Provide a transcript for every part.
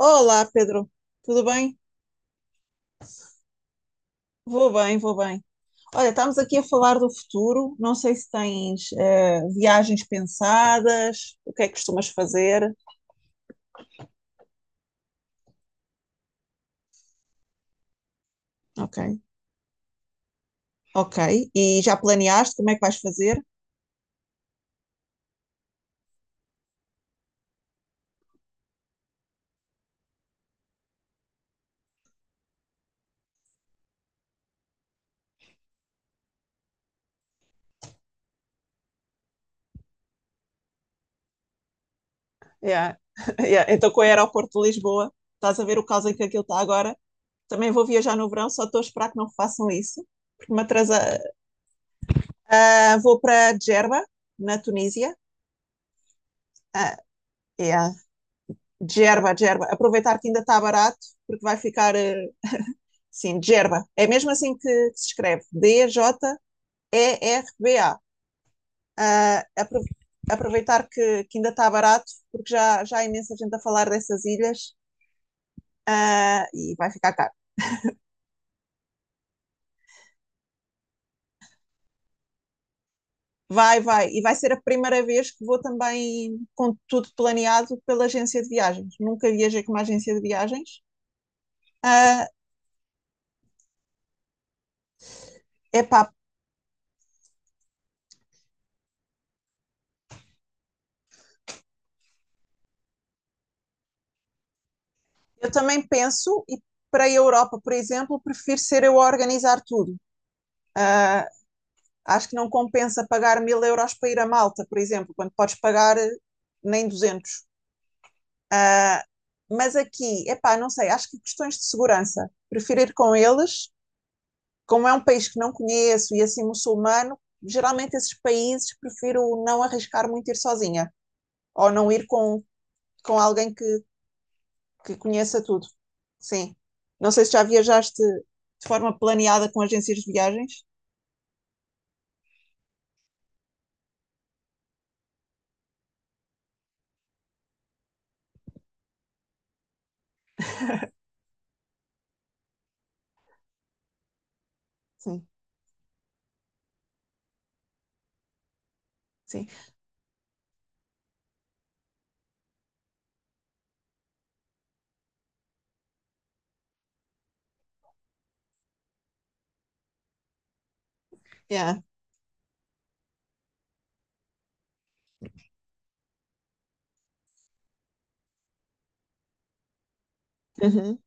Olá, Pedro. Tudo bem? Vou bem, vou bem. Olha, estamos aqui a falar do futuro. Não sei se tens viagens pensadas, o que é que costumas fazer? Ok. Ok. E já planeaste como é que vais fazer? Yeah. Yeah. Então, com o aeroporto de Lisboa, estás a ver o caos em que aquilo está agora? Também vou viajar no verão, só estou a esperar que não façam isso, porque me atrasa. Ah, vou para Djerba, na Tunísia. Ah, yeah. Djerba, Djerba. Aproveitar que ainda está barato, porque vai ficar. Sim, Gerba. É mesmo assim que se escreve. D-J-E-R-B-A. Ah, apro- Aproveitar que, ainda está barato, porque já, já há imensa gente a falar dessas ilhas, ah, e vai ficar caro. Vai, vai. E vai ser a primeira vez que vou também com tudo planeado pela agência de viagens. Nunca viajei com uma agência de viagens. É epá, eu também penso, e para a Europa, por exemplo, prefiro ser eu a organizar tudo. Acho que não compensa pagar 1.000 euros para ir a Malta, por exemplo, quando podes pagar nem 200. Ah, mas aqui, epá, não sei, acho que questões de segurança. Prefiro ir com eles, como é um país que não conheço e é assim muçulmano, geralmente esses países prefiro não arriscar muito ir sozinha ou não ir com alguém que conheça tudo. Sim. Não sei se já viajaste de forma planeada com agências de viagens. Sim, sim. Yeah. Uhum.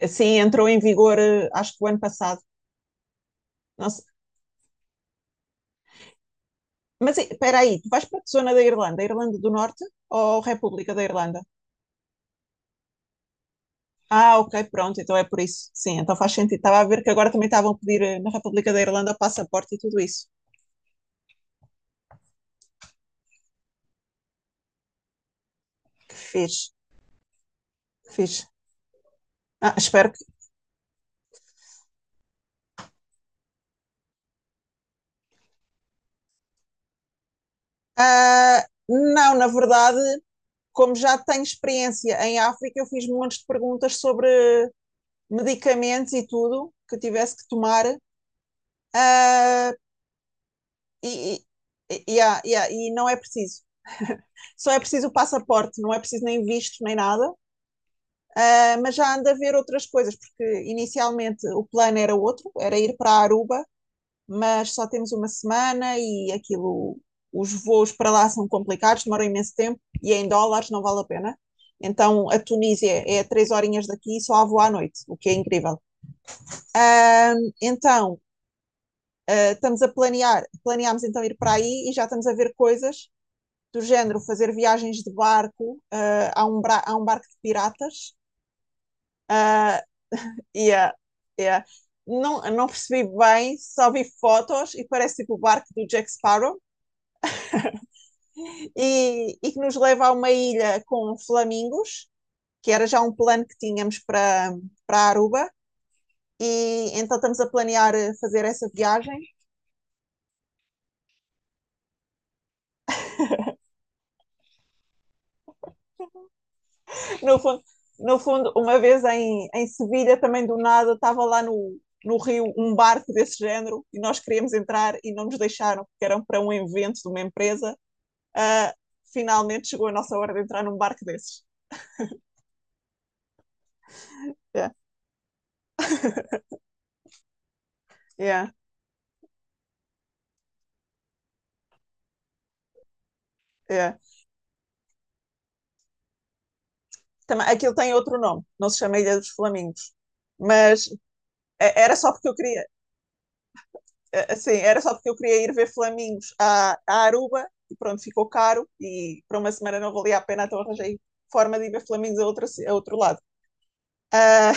É, sim, entrou em vigor, acho que o ano passado. Nossa, mas espera aí, tu vais para que zona da Irlanda? Irlanda do Norte ou República da Irlanda? Ah, ok, pronto, então é por isso. Sim, então faz sentido. Estava a ver que agora também estavam a pedir na República da Irlanda o passaporte e tudo isso. Que fixe, que fixe. Ah, espero que. Ah, não, na verdade, como já tenho experiência em África, eu fiz montes de perguntas sobre medicamentos e tudo que eu tivesse que tomar. Ah, e, e, yeah, yeah, e não é preciso. Só é preciso o passaporte, não é preciso nem visto nem nada. Ah, mas já ando a ver outras coisas, porque inicialmente o plano era outro, era ir para Aruba, mas só temos uma semana e aquilo, os voos para lá são complicados, demoram imenso tempo e é em dólares, não vale a pena. Então, a Tunísia é 3 horinhas daqui e só a voo à noite, o que é incrível. Então, Planeámos então ir para aí e já estamos a ver coisas do género, fazer viagens de barco a um barco de piratas. Uh, yeah, yeah. Não, não percebi bem, só vi fotos e parece tipo o barco do Jack Sparrow, e, que nos leva a uma ilha com flamingos, que era já um plano que tínhamos para, para Aruba, e então estamos a planear fazer essa viagem. No fundo, no fundo uma vez em, em Sevilha, também do nada, estava lá no, no Rio um barco desse género e nós queríamos entrar e não nos deixaram, porque eram para um evento de uma empresa. Uh, Finalmente chegou a nossa hora de entrar num barco desses. Yeah, yeah, yeah. Também, aquilo tem outro nome, não se chama Ilha dos Flamingos, mas é. Era só porque eu queria, é, assim, era só porque eu queria ir ver flamingos a Aruba e pronto, ficou caro e para uma semana não valia a pena, então arranjei forma de ir ver flamingos a outro lado. Ah,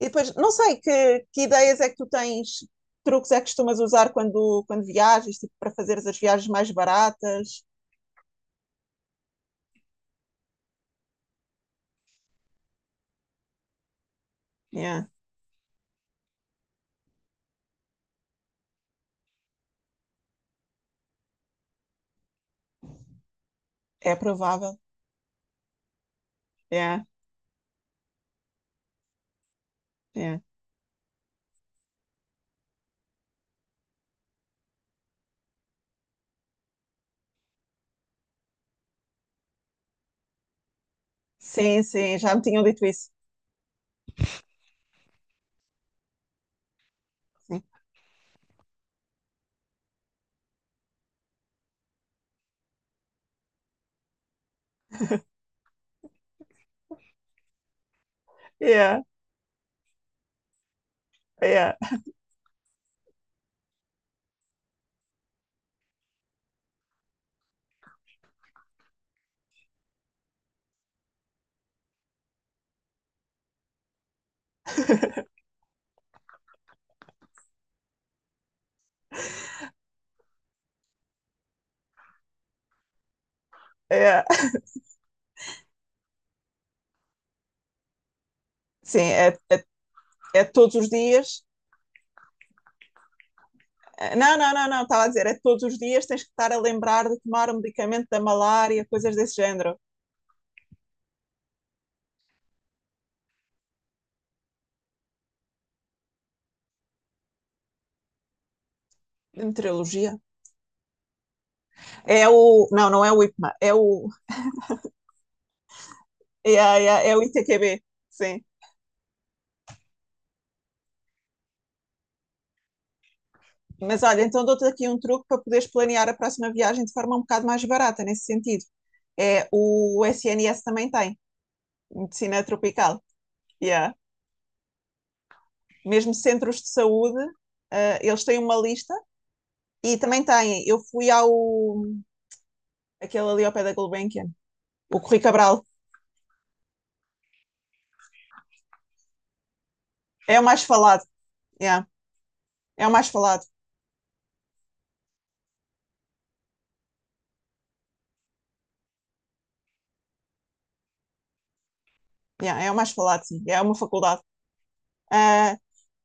e depois, não sei, que ideias é que tu tens, truques é que costumas usar quando, quando viajas, tipo, para fazeres as viagens mais baratas? Yeah, é provável. Yeah, yeah. Sim, sim, já me tinham dito isso. Sim. Yeah, yeah, yeah. Sim, é, é todos os dias. Não, não, não, não, estava a dizer, é que todos os dias tens que estar a lembrar de tomar o medicamento da malária, coisas desse género. De meteorologia? É o. Não, não é o IPMA, é o. É, é, é o ITQB, sim. Mas olha, então dou-te aqui um truque para poderes planear a próxima viagem de forma um bocado mais barata, nesse sentido. É o SNS também tem, Medicina Tropical. Yeah. Mesmo centros de saúde, ah, eles têm uma lista e também têm. Eu fui ao aquele ali ao pé da Gulbenkian, o Corri Cabral. É o mais falado. Yeah. É o mais falado. Yeah, é o mais falado, sim. É uma faculdade. Ah,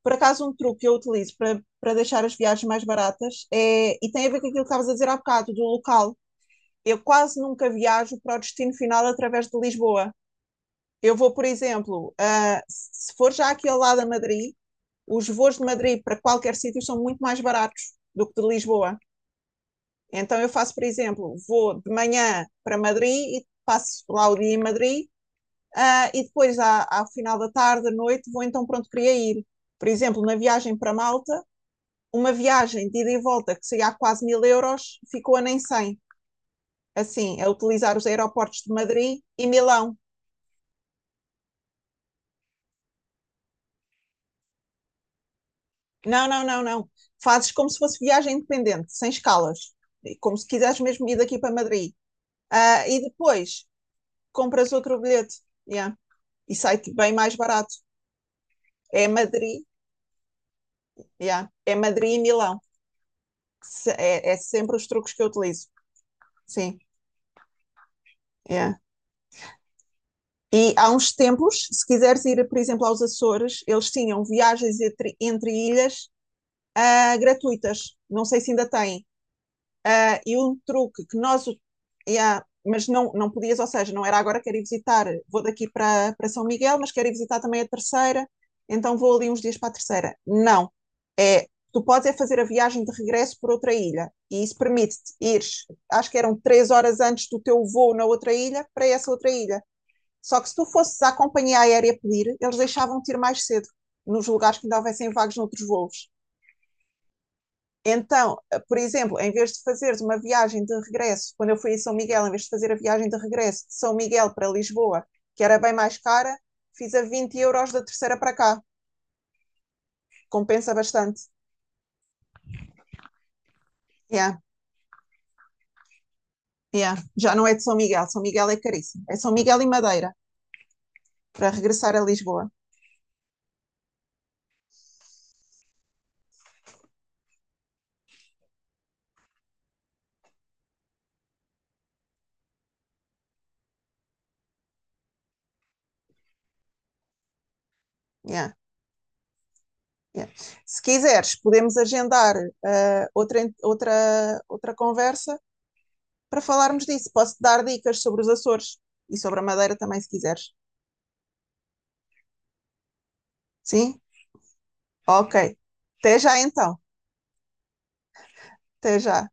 por acaso, um truque que eu utilizo para, para deixar as viagens mais baratas é, e tem a ver com aquilo que estavas a dizer há bocado, do local. Eu quase nunca viajo para o destino final através de Lisboa. Eu vou, por exemplo, ah, se for já aqui ao lado a Madrid, os voos de Madrid para qualquer sítio são muito mais baratos do que de Lisboa. Então eu faço, por exemplo, vou de manhã para Madrid e passo lá o dia em Madrid, ah, e depois, ao final da tarde, à noite, vou então, pronto, queria ir. Por exemplo, na viagem para Malta, uma viagem de ida e volta que saía a quase 1.000 euros, ficou a nem 100, assim, a utilizar os aeroportos de Madrid e Milão. Não, não, não, não. Fazes como se fosse viagem independente, sem escalas, e como se quiseres mesmo ir daqui para Madrid. Ah, e depois compras outro bilhete, yeah, e sai-te bem mais barato. É Madrid, yeah. É Madrid e Milão. É, é sempre os truques que eu utilizo. Sim. É. E há uns tempos, se quiseres ir, por exemplo, aos Açores, eles tinham viagens entre, entre ilhas, ah, gratuitas. Não sei se ainda têm. Ah, e um truque que nós. Yeah, mas não, não podias, ou seja, não era agora quero ir visitar, vou daqui para, para São Miguel, mas quero ir visitar também a terceira, então vou ali uns dias para a terceira. Não. É, tu podes é fazer a viagem de regresso por outra ilha. E isso permite-te ir, acho que eram 3 horas antes do teu voo na outra ilha, para essa outra ilha. Só que se tu fosses à companhia aérea pedir, eles deixavam-te ir mais cedo, nos lugares que ainda houvessem vagos noutros voos. Então, por exemplo, em vez de fazeres uma viagem de regresso, quando eu fui a São Miguel, em vez de fazer a viagem de regresso de São Miguel para Lisboa, que era bem mais cara, fiz a 20 euros da terceira para cá. Compensa bastante. Yeah, yeah. Já não é de São Miguel, São Miguel é caríssimo. É São Miguel e Madeira, para regressar a Lisboa. Yeah, yeah. Se quiseres, podemos agendar outra, outra, outra conversa para falarmos disso. Posso-te dar dicas sobre os Açores e sobre a Madeira também, se quiseres. Sim? Ok. Até já então. Até já.